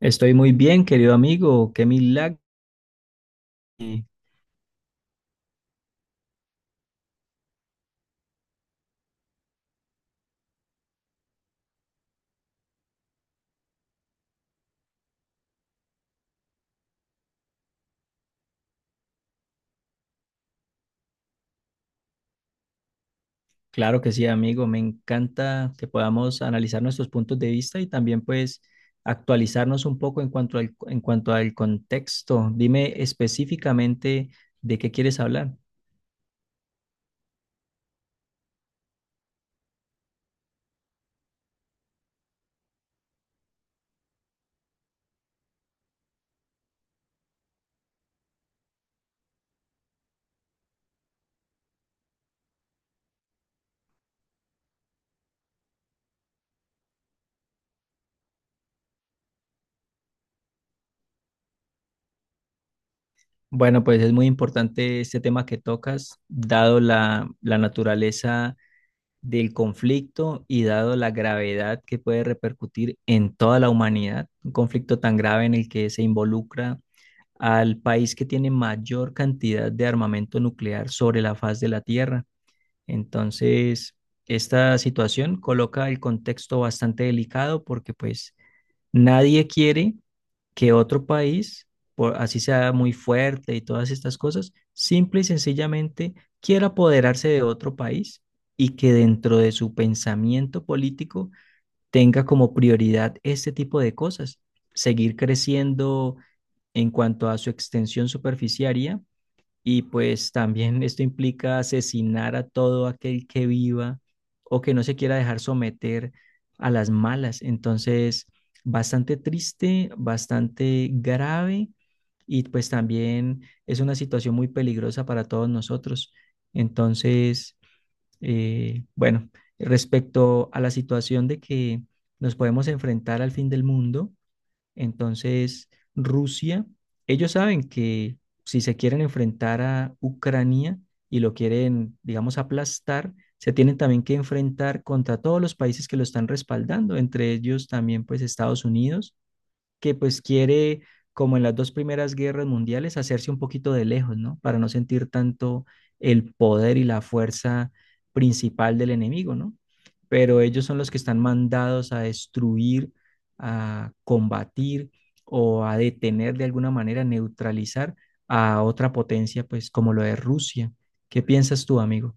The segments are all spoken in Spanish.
Estoy muy bien, querido amigo. Qué milagro. Y Claro que sí, amigo. Me encanta que podamos analizar nuestros puntos de vista y también pues actualizarnos un poco en cuanto al contexto. Dime específicamente de qué quieres hablar. Bueno, pues es muy importante este tema que tocas, dado la naturaleza del conflicto y dado la gravedad que puede repercutir en toda la humanidad. Un conflicto tan grave en el que se involucra al país que tiene mayor cantidad de armamento nuclear sobre la faz de la Tierra. Entonces, esta situación coloca el contexto bastante delicado porque pues nadie quiere que otro país, por, así sea muy fuerte y todas estas cosas, simple y sencillamente quiera apoderarse de otro país y que dentro de su pensamiento político tenga como prioridad este tipo de cosas, seguir creciendo en cuanto a su extensión superficiaria y pues también esto implica asesinar a todo aquel que viva o que no se quiera dejar someter a las malas. Entonces, bastante triste, bastante grave y pues también es una situación muy peligrosa para todos nosotros. Entonces, bueno, respecto a la situación de que nos podemos enfrentar al fin del mundo, entonces, Rusia, ellos saben que si se quieren enfrentar a Ucrania y lo quieren, digamos, aplastar, se tienen también que enfrentar contra todos los países que lo están respaldando, entre ellos también pues Estados Unidos que pues quiere, como en las dos primeras guerras mundiales, hacerse un poquito de lejos, ¿no? Para no sentir tanto el poder y la fuerza principal del enemigo, ¿no? Pero ellos son los que están mandados a destruir, a combatir o a detener de alguna manera, neutralizar a otra potencia, pues como lo es Rusia. ¿Qué piensas tú, amigo?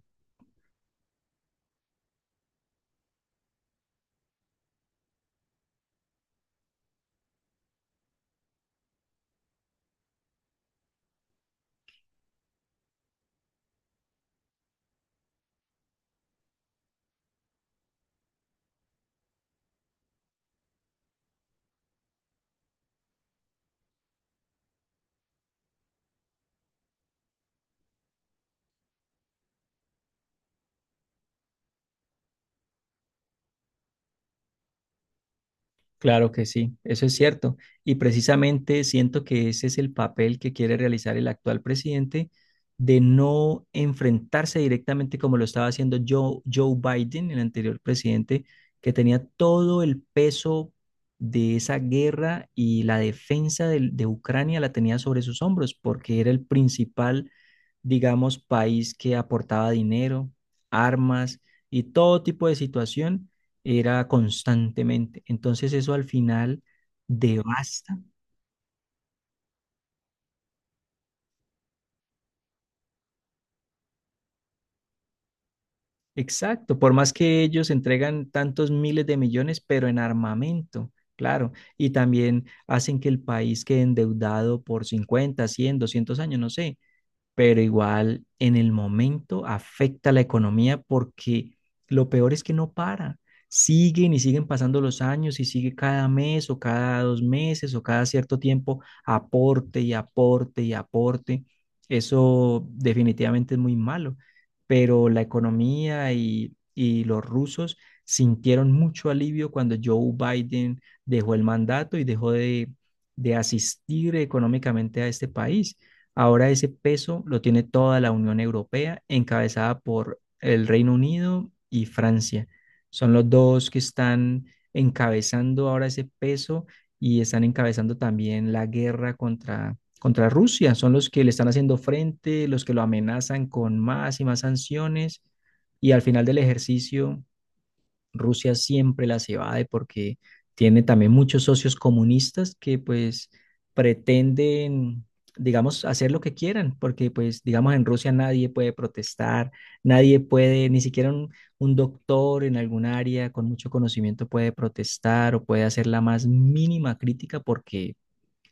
Claro que sí, eso es cierto. Y precisamente siento que ese es el papel que quiere realizar el actual presidente de no enfrentarse directamente como lo estaba haciendo Joe Biden, el anterior presidente, que tenía todo el peso de esa guerra y la defensa Ucrania la tenía sobre sus hombros porque era el principal digamos, país que aportaba dinero, armas y todo tipo de situación era constantemente. Entonces eso al final devasta. Exacto, por más que ellos entregan tantos miles de millones, pero en armamento, claro, y también hacen que el país quede endeudado por 50 100 200 años, no sé, pero igual en el momento afecta la economía porque lo peor es que no para. Siguen y siguen pasando los años y sigue cada mes o cada dos meses o cada cierto tiempo aporte y aporte y aporte. Eso definitivamente es muy malo, pero la economía y los rusos sintieron mucho alivio cuando Joe Biden dejó el mandato y dejó de asistir económicamente a este país. Ahora ese peso lo tiene toda la Unión Europea, encabezada por el Reino Unido y Francia. Son los dos que están encabezando ahora ese peso y están encabezando también la guerra contra Rusia. Son los que le están haciendo frente, los que lo amenazan con más y más sanciones. Y al final del ejercicio, Rusia siempre las evade porque tiene también muchos socios comunistas que pues pretenden, digamos, hacer lo que quieran, porque pues digamos en Rusia nadie puede protestar, nadie puede, ni siquiera un doctor en algún área con mucho conocimiento puede protestar o puede hacer la más mínima crítica porque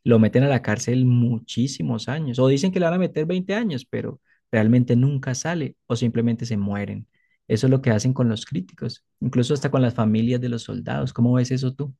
lo meten a la cárcel muchísimos años, o dicen que le van a meter 20 años, pero realmente nunca sale o simplemente se mueren. Eso es lo que hacen con los críticos, incluso hasta con las familias de los soldados. ¿Cómo ves eso tú?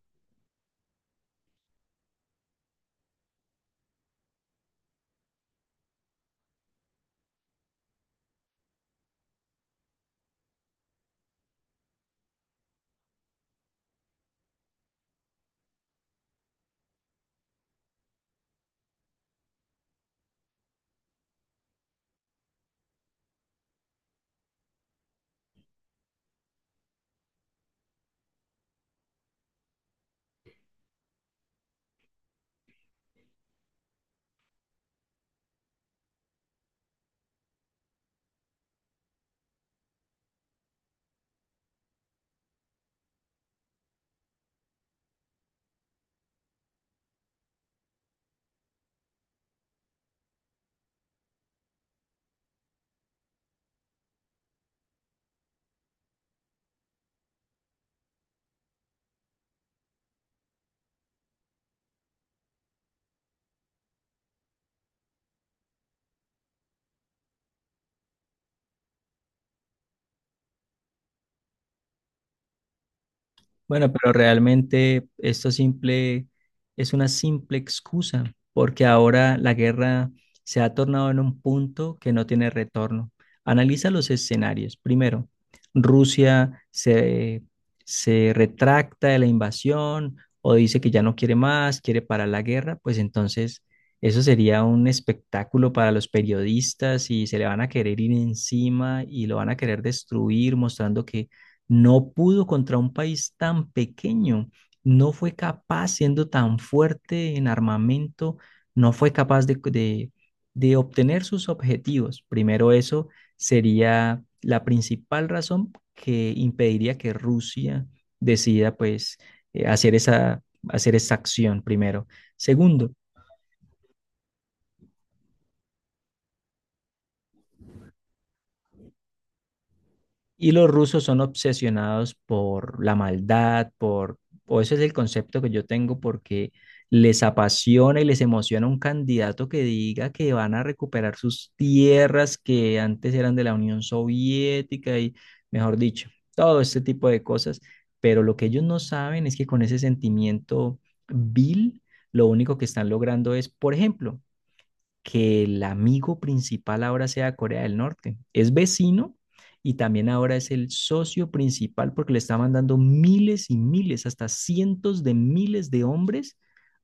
Bueno, pero realmente esto simple es una simple excusa, porque ahora la guerra se ha tornado en un punto que no tiene retorno. Analiza los escenarios. Primero, Rusia se retracta de la invasión o dice que ya no quiere más, quiere parar la guerra, pues entonces eso sería un espectáculo para los periodistas y se le van a querer ir encima y lo van a querer destruir mostrando que no pudo contra un país tan pequeño, no fue capaz, siendo tan fuerte en armamento, no fue capaz de obtener sus objetivos. Primero, eso sería la principal razón que impediría que Rusia decida, pues, hacer hacer esa acción primero. Segundo, y los rusos son obsesionados por la maldad, por, o ese es el concepto que yo tengo, porque les apasiona y les emociona un candidato que diga que van a recuperar sus tierras que antes eran de la Unión Soviética y, mejor dicho, todo este tipo de cosas. Pero lo que ellos no saben es que con ese sentimiento vil, lo único que están logrando es, por ejemplo, que el amigo principal ahora sea Corea del Norte. Es vecino y también ahora es el socio principal porque le está mandando miles y miles, hasta cientos de miles de hombres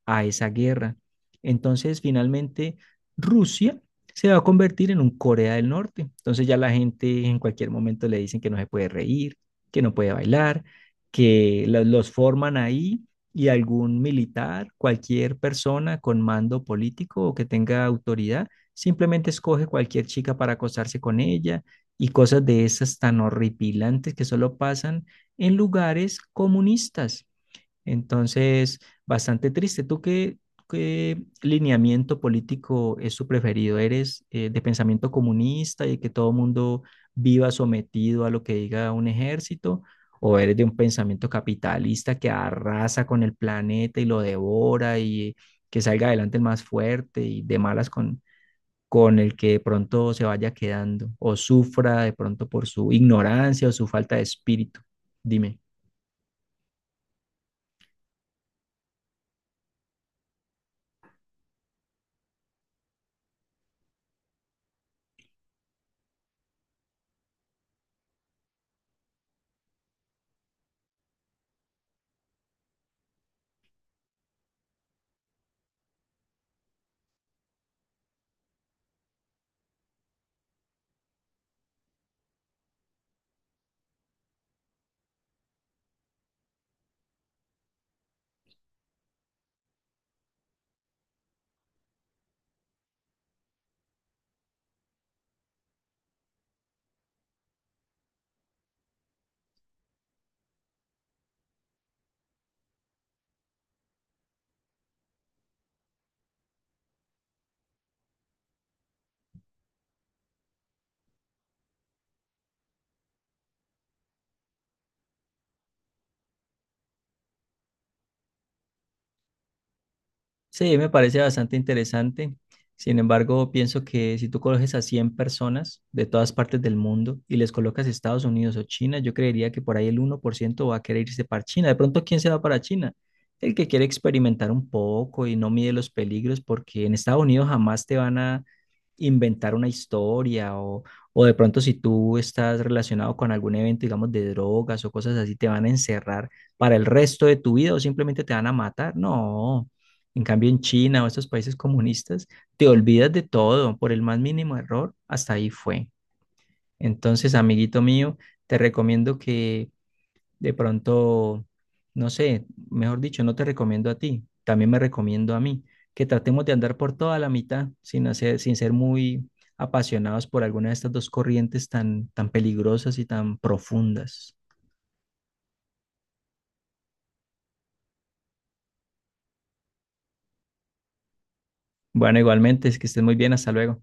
a esa guerra. Entonces, finalmente, Rusia se va a convertir en un Corea del Norte. Entonces ya la gente en cualquier momento le dicen que no se puede reír, que no puede bailar, que lo- los forman ahí y algún militar, cualquier persona con mando político o que tenga autoridad, simplemente escoge cualquier chica para acostarse con ella y cosas de esas tan horripilantes que solo pasan en lugares comunistas. Entonces, bastante triste. ¿ Qué lineamiento político es tu preferido? ¿Eres de pensamiento comunista y que todo mundo viva sometido a lo que diga un ejército? ¿O eres de un pensamiento capitalista que arrasa con el planeta y lo devora y que salga adelante el más fuerte y de malas con el que de pronto se vaya quedando o sufra de pronto por su ignorancia o su falta de espíritu? Dime. Sí, me parece bastante interesante. Sin embargo, pienso que si tú coges a 100 personas de todas partes del mundo y les colocas Estados Unidos o China, yo creería que por ahí el 1% va a querer irse para China. De pronto, ¿quién se va para China? El que quiere experimentar un poco y no mide los peligros, porque en Estados Unidos jamás te van a inventar una historia o de pronto si tú estás relacionado con algún evento, digamos, de drogas o cosas así, te van a encerrar para el resto de tu vida o simplemente te van a matar. No. En cambio, en China o estos países comunistas, te olvidas de todo por el más mínimo error, hasta ahí fue. Entonces, amiguito mío, te recomiendo que de pronto, no sé, mejor dicho, no te recomiendo a ti, también me recomiendo a mí, que tratemos de andar por toda la mitad sin ser muy apasionados por alguna de estas dos corrientes tan, tan peligrosas y tan profundas. Bueno, igualmente, es que estés muy bien, hasta luego.